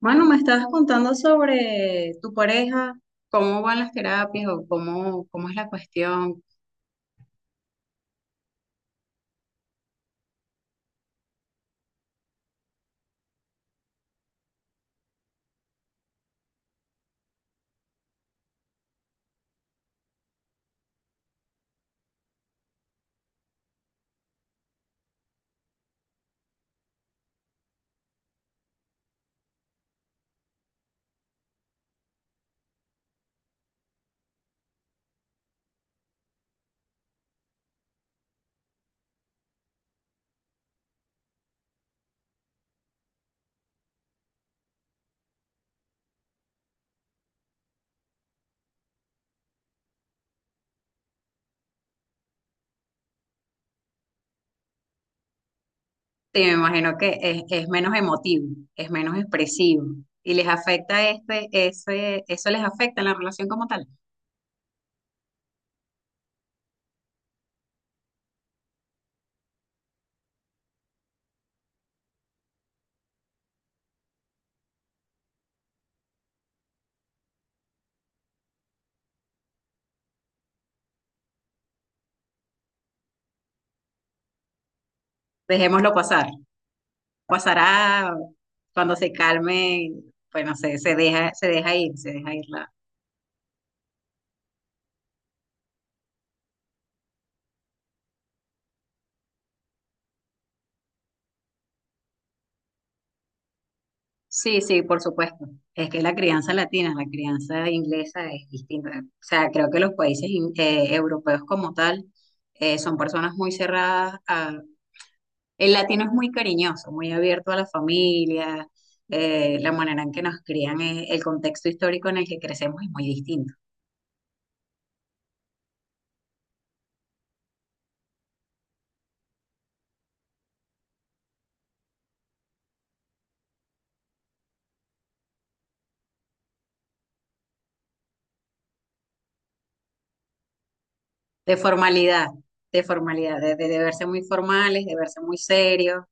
Bueno, me estabas contando sobre tu pareja, cómo van las terapias o cómo es la cuestión. Te me imagino que es menos emotivo, es menos expresivo y les afecta eso les afecta en la relación como tal. Dejémoslo pasar. Pasará cuando se calme, pues no sé, se deja ir la. Sí, sí, por supuesto. Es que la crianza latina, la crianza inglesa es distinta. O sea, creo que los países europeos como tal son personas muy cerradas a... El latino es muy cariñoso, muy abierto a la familia, la manera en que nos crían, el contexto histórico en el que crecemos es muy distinto. De formalidad, de formalidad, de verse muy formales, de verse muy serios.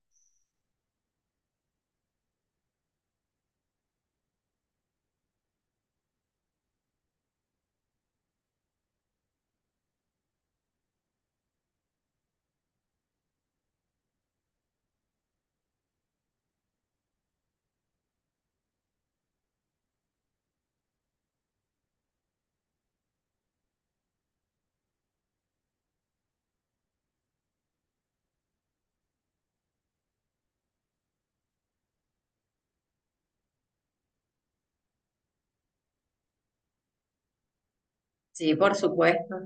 Sí, por supuesto.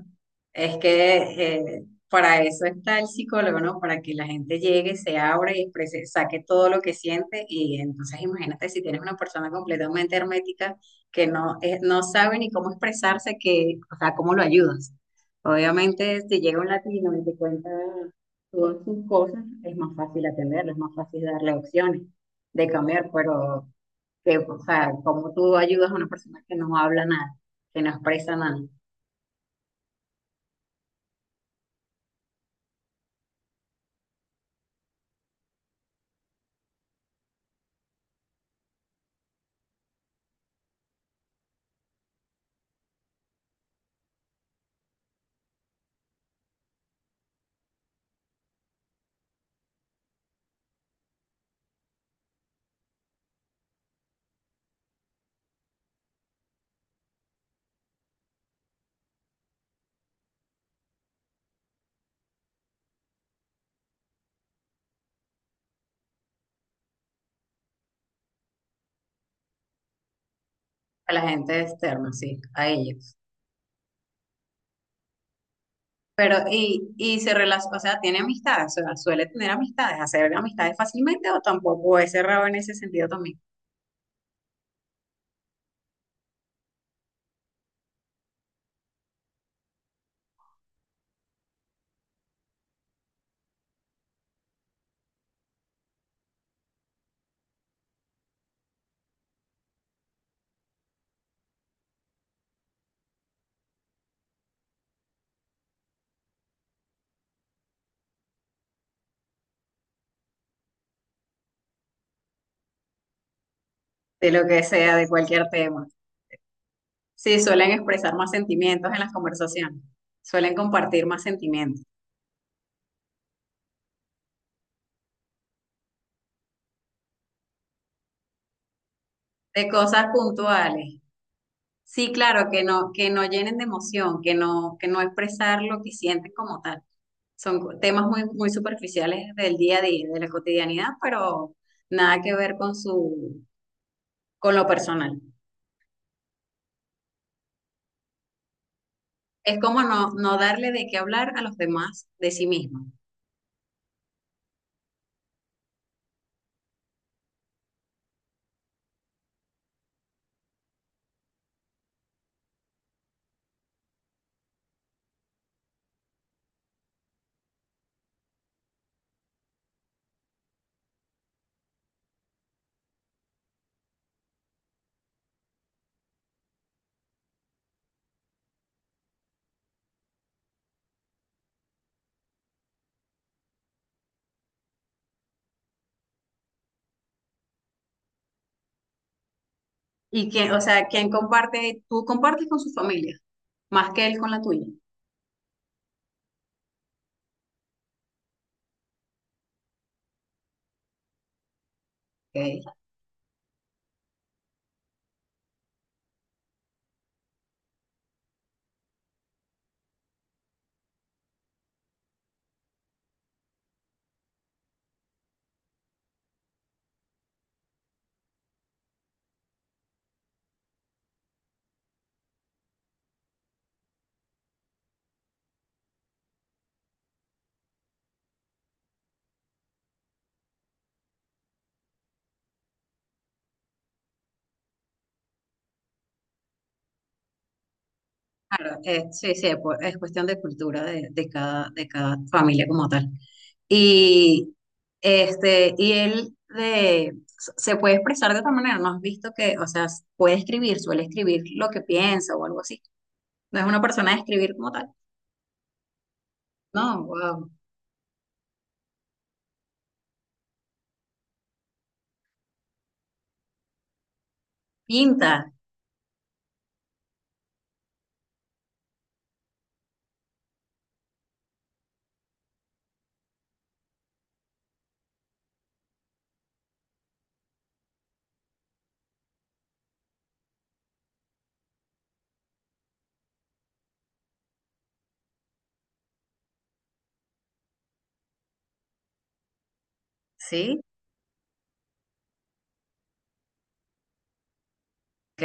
Es que para eso está el psicólogo, ¿no? Para que la gente llegue, se abra y exprese- saque todo lo que siente. Y entonces imagínate si tienes una persona completamente hermética que no, no sabe ni cómo expresarse, que, o sea, ¿cómo lo ayudas? Obviamente, si llega un latino y te cuenta todas sus cosas, es más fácil atenderlo, es más fácil darle opciones de cambiar, pero que, o sea, ¿cómo tú ayudas a una persona que no habla nada, que no expresa nada? A la gente externa, sí, a ellos. Pero, y se relaciona, o sea, tiene amistades, o sea, suele tener amistades, hacer amistades fácilmente o tampoco es cerrado en ese sentido también, de lo que sea, de cualquier tema. Sí, suelen expresar más sentimientos en las conversaciones, suelen compartir más sentimientos, de cosas puntuales. Sí, claro, que no llenen de emoción, que no expresar lo que sienten como tal. Son co- temas muy superficiales del día a día, de la cotidianidad, pero nada que ver con su, con lo personal. Es como no, no darle de qué hablar a los demás de sí mismo. Y que, o sea, quien comparte, tú compartes con su familia, más que él con la tuya. Okay. Claro, sí, sí, pues, es cuestión de cultura de, de cada familia como tal. Y, este, y él de, se puede expresar de otra manera, ¿no has visto que, o sea, puede escribir, suele escribir lo que piensa o algo así? No es una persona de escribir como tal. No, wow. Pinta, ¿sí? Ok.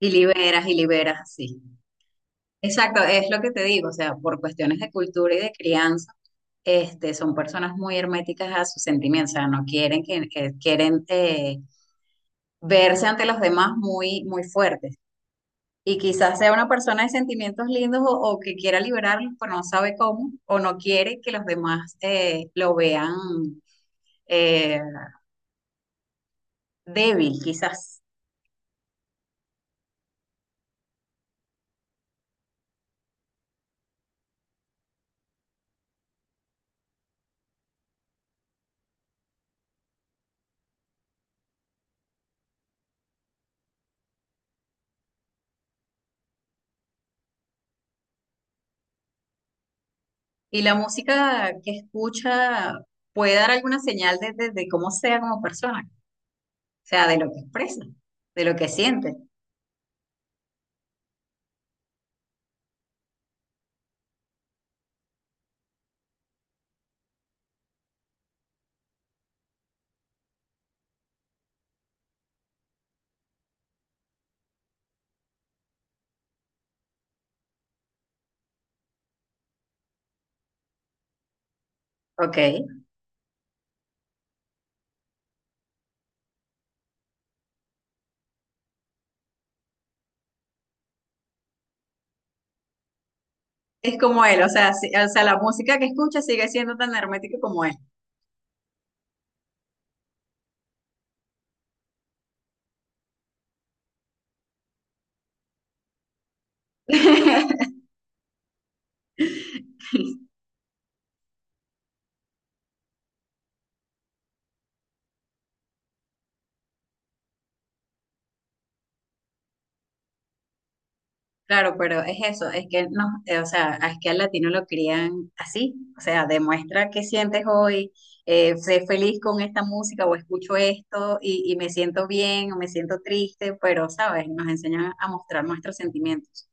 Y liberas, sí. Exacto, es lo que te digo, o sea, por cuestiones de cultura y de crianza, este, son personas muy herméticas a sus sentimientos, o sea, no quieren que- quieren verse ante los demás muy fuertes. Y quizás sea una persona de sentimientos lindos o que quiera liberarlos, pero no sabe cómo, o no quiere que los demás lo vean eh, débil, quizás. Y la música que escucha puede dar alguna señal de, de cómo sea como persona. Sea, de lo que expresa, de lo que siente. Ok. Es como él, o sea, o sea, la música que escucha sigue siendo tan hermética como él. Claro, pero es eso, es que no, o sea, es que al latino lo crían así, o sea, demuestra qué sientes hoy, sé feliz con esta música o escucho esto y me siento bien o me siento triste, pero, ¿sabes? Nos enseñan a mostrar nuestros sentimientos,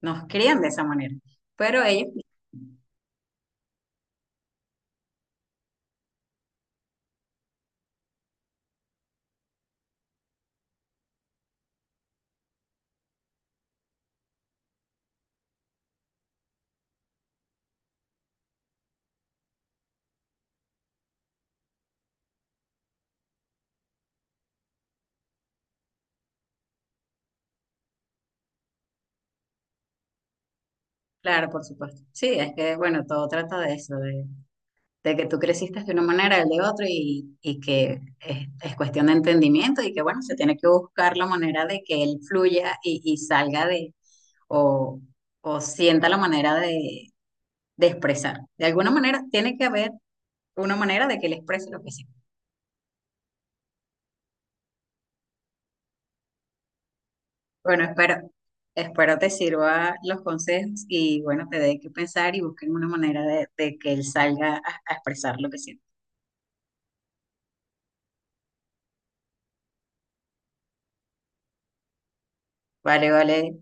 nos crían de esa manera, pero ellos, claro, por supuesto, sí, es que, bueno, todo trata de eso, de que tú creciste de una manera, él de otra, y que es cuestión de entendimiento y que, bueno, se tiene que buscar la manera de que él fluya y salga de, o, o sienta la manera de expresar. De alguna manera, tiene que haber una manera de que él exprese lo que siente. Bueno, espero, espero te sirva los consejos y, bueno, te dé que pensar y busquen una manera de que él salga a expresar lo que siente. Vale, vale.